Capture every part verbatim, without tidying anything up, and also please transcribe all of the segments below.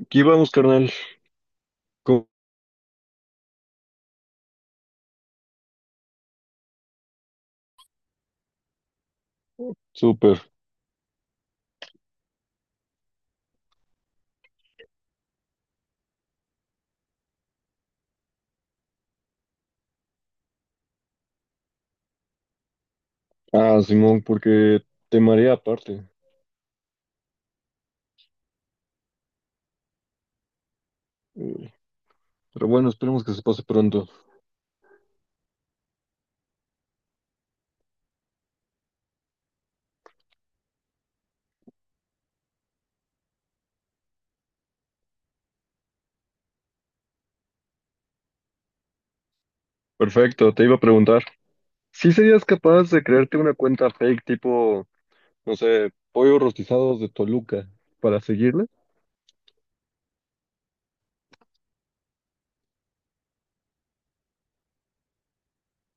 Aquí vamos, carnal. Co- súper. Ah, Simón, porque te marea aparte. Eh, Pero bueno, esperemos que se pase pronto. Perfecto, te iba a preguntar. ¿Sí serías capaz de crearte una cuenta fake tipo, no sé, pollo rostizados de Toluca para seguirle?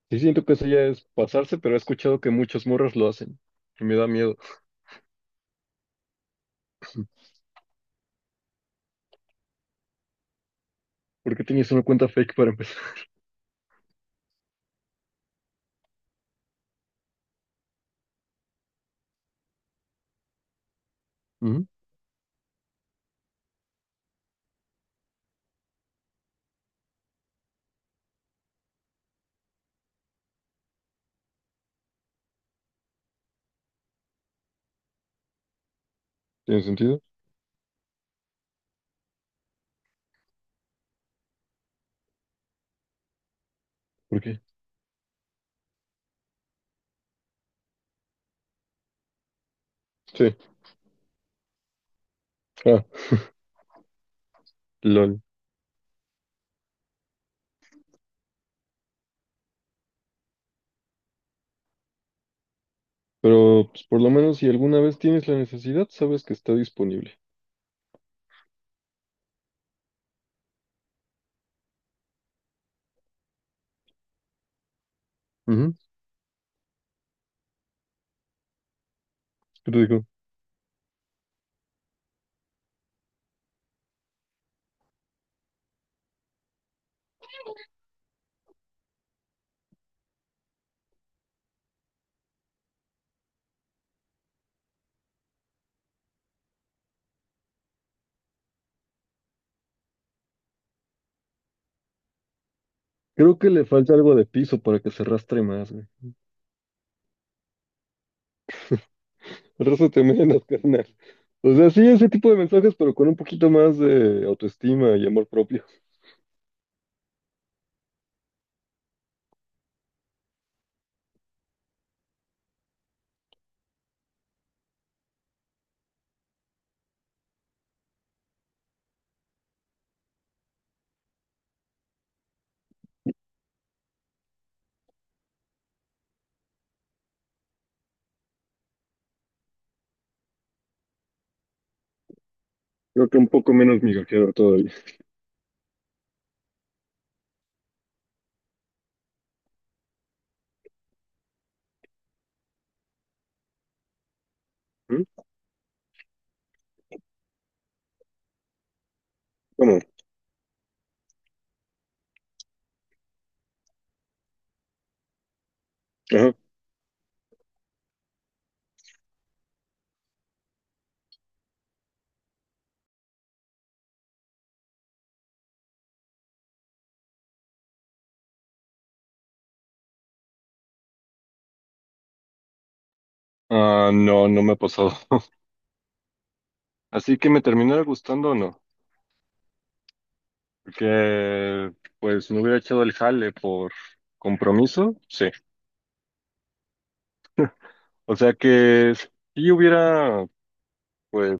Sí siento que eso ya es pasarse, pero he escuchado que muchas morras lo hacen. Y me da miedo. ¿Por qué tienes una cuenta fake para empezar? Ujú. ¿Tiene sentido? ¿Por qué? Sí. Ah, lol. Pero pues, por lo menos si alguna vez tienes la necesidad, sabes que está disponible. Pero digo, creo que le falta algo de piso para que se arrastre más, güey. Arrástrate menos, carnal. O sea, sí, ese tipo de mensajes, pero con un poquito más de autoestima y amor propio. Creo que un poco menos migajero todavía. ¿Mm? ¿Cómo? Ajá. Ah, no, no me ha pasado. Así que me terminara gustando o no. Porque, pues, me hubiera echado el jale por compromiso, sí. O sea que si yo hubiera, pues,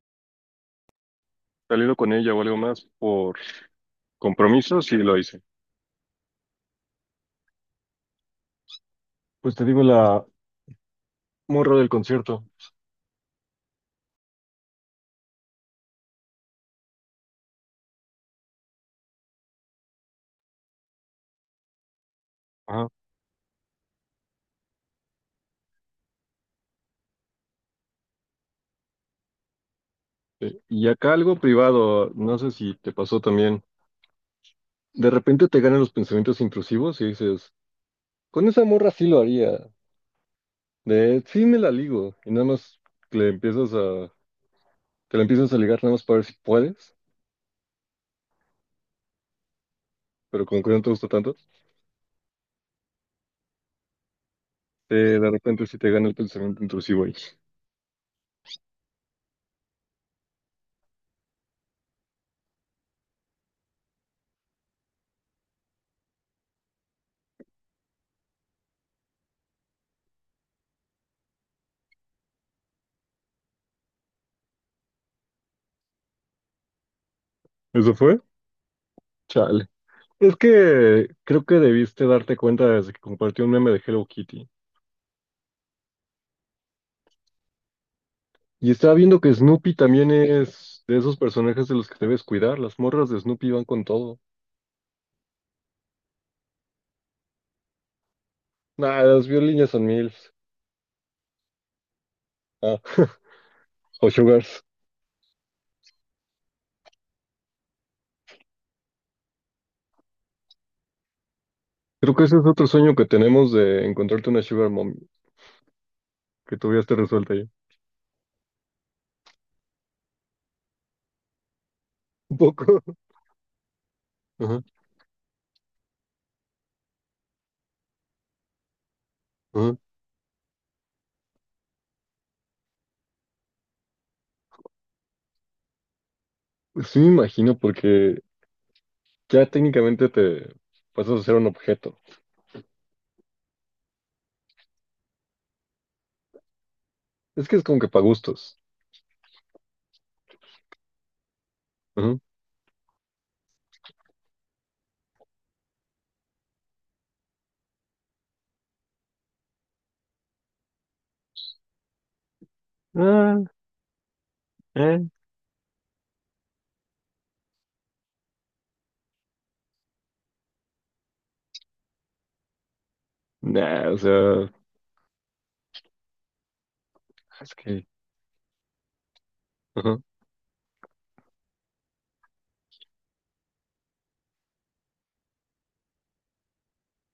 salido con ella o algo más por compromiso, sí lo hice. Pues te digo la, muy raro el concierto. Ajá. Eh, Y acá algo privado, no sé si te pasó también. De repente te ganan los pensamientos intrusivos y dices, con esa morra sí lo haría. De sí me la ligo. Y nada más le empiezas a, te la empiezas a ligar nada más para ver si puedes, pero como que no te gusta tanto, eh, de repente sí te gana el pensamiento intrusivo ahí. ¿Eso fue? Chale. Es que creo que debiste darte cuenta desde que compartí un meme de Hello Kitty. Y estaba viendo que Snoopy también es de esos personajes de los que debes cuidar. Las morras de Snoopy van con todo. Nah, las violinas son M I L Fs. Ah, o Sugars. Creo que ese es otro sueño que tenemos de encontrarte una Sugar Mommy, que todavía esté resuelta ya. Un poco. Ajá, ajá. Pues sí me imagino, porque ya técnicamente te pasas a ser un objeto. Es que es como que para gustos. Ajá. Ah, eh. Nah, o sea, es que... Ajá.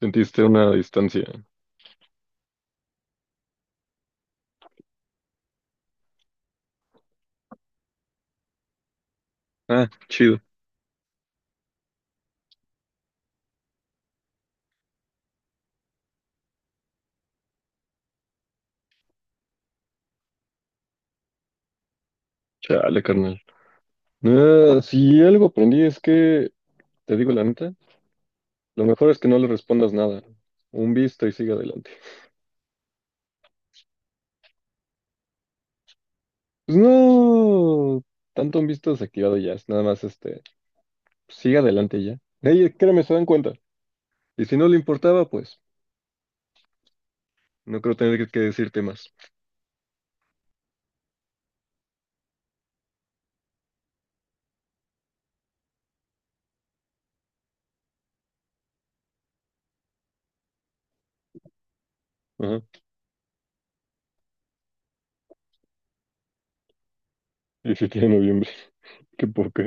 Sentiste una distancia. Ah, chido. Chale, carnal. Ah, si algo aprendí es que, te digo la neta, lo mejor es que no le respondas nada. Un visto y sigue adelante. Pues no, tanto un visto desactivado ya, es nada más este, sigue adelante ya. Ey, créeme, se dan cuenta. Y si no le importaba, pues no creo tener que, que decirte más. Ajá. Y si tiene noviembre, qué poca.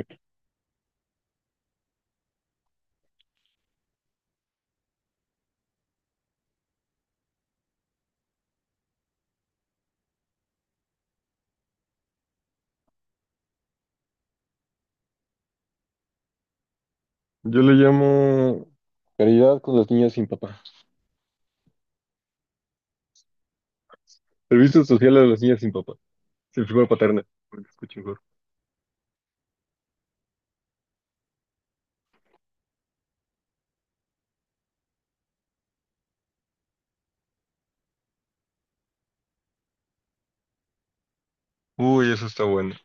Yo le llamo caridad con las niñas sin papá. Servicio social a las niñas sin papá. Sin figura paterna. Porque escucho mejor. Uy, eso está bueno.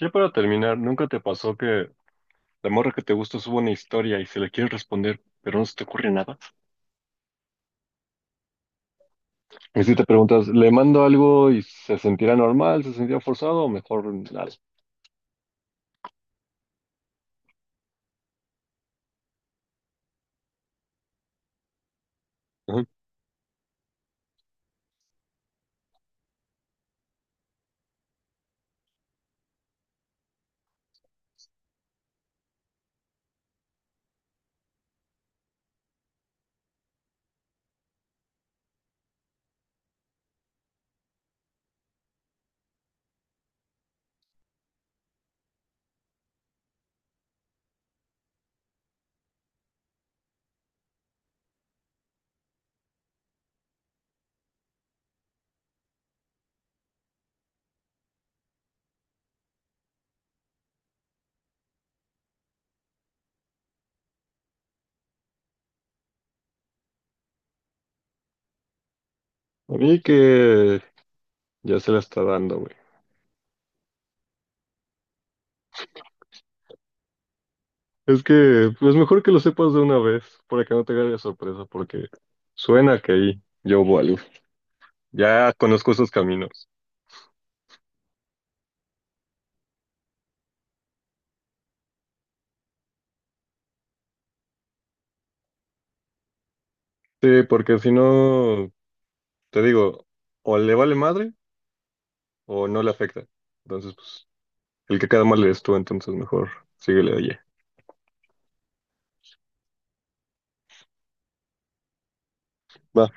Ya para terminar, ¿nunca te pasó que la morra que te gustó sube una historia y se le quiere responder, pero no se te ocurre nada? Y si te preguntas, ¿le mando algo y se sentirá normal, se sentirá forzado o mejor nada? Ajá. A mí que ya se la está dando, güey. Es que es mejor que lo sepas de una vez para que no te agarre de sorpresa, porque suena que ahí yo hubo algo. Ya conozco esos caminos. Sí, porque si no, te digo, o le vale madre o no le afecta. Entonces, pues, el que queda mal eres tú, entonces mejor síguele, oye. Va.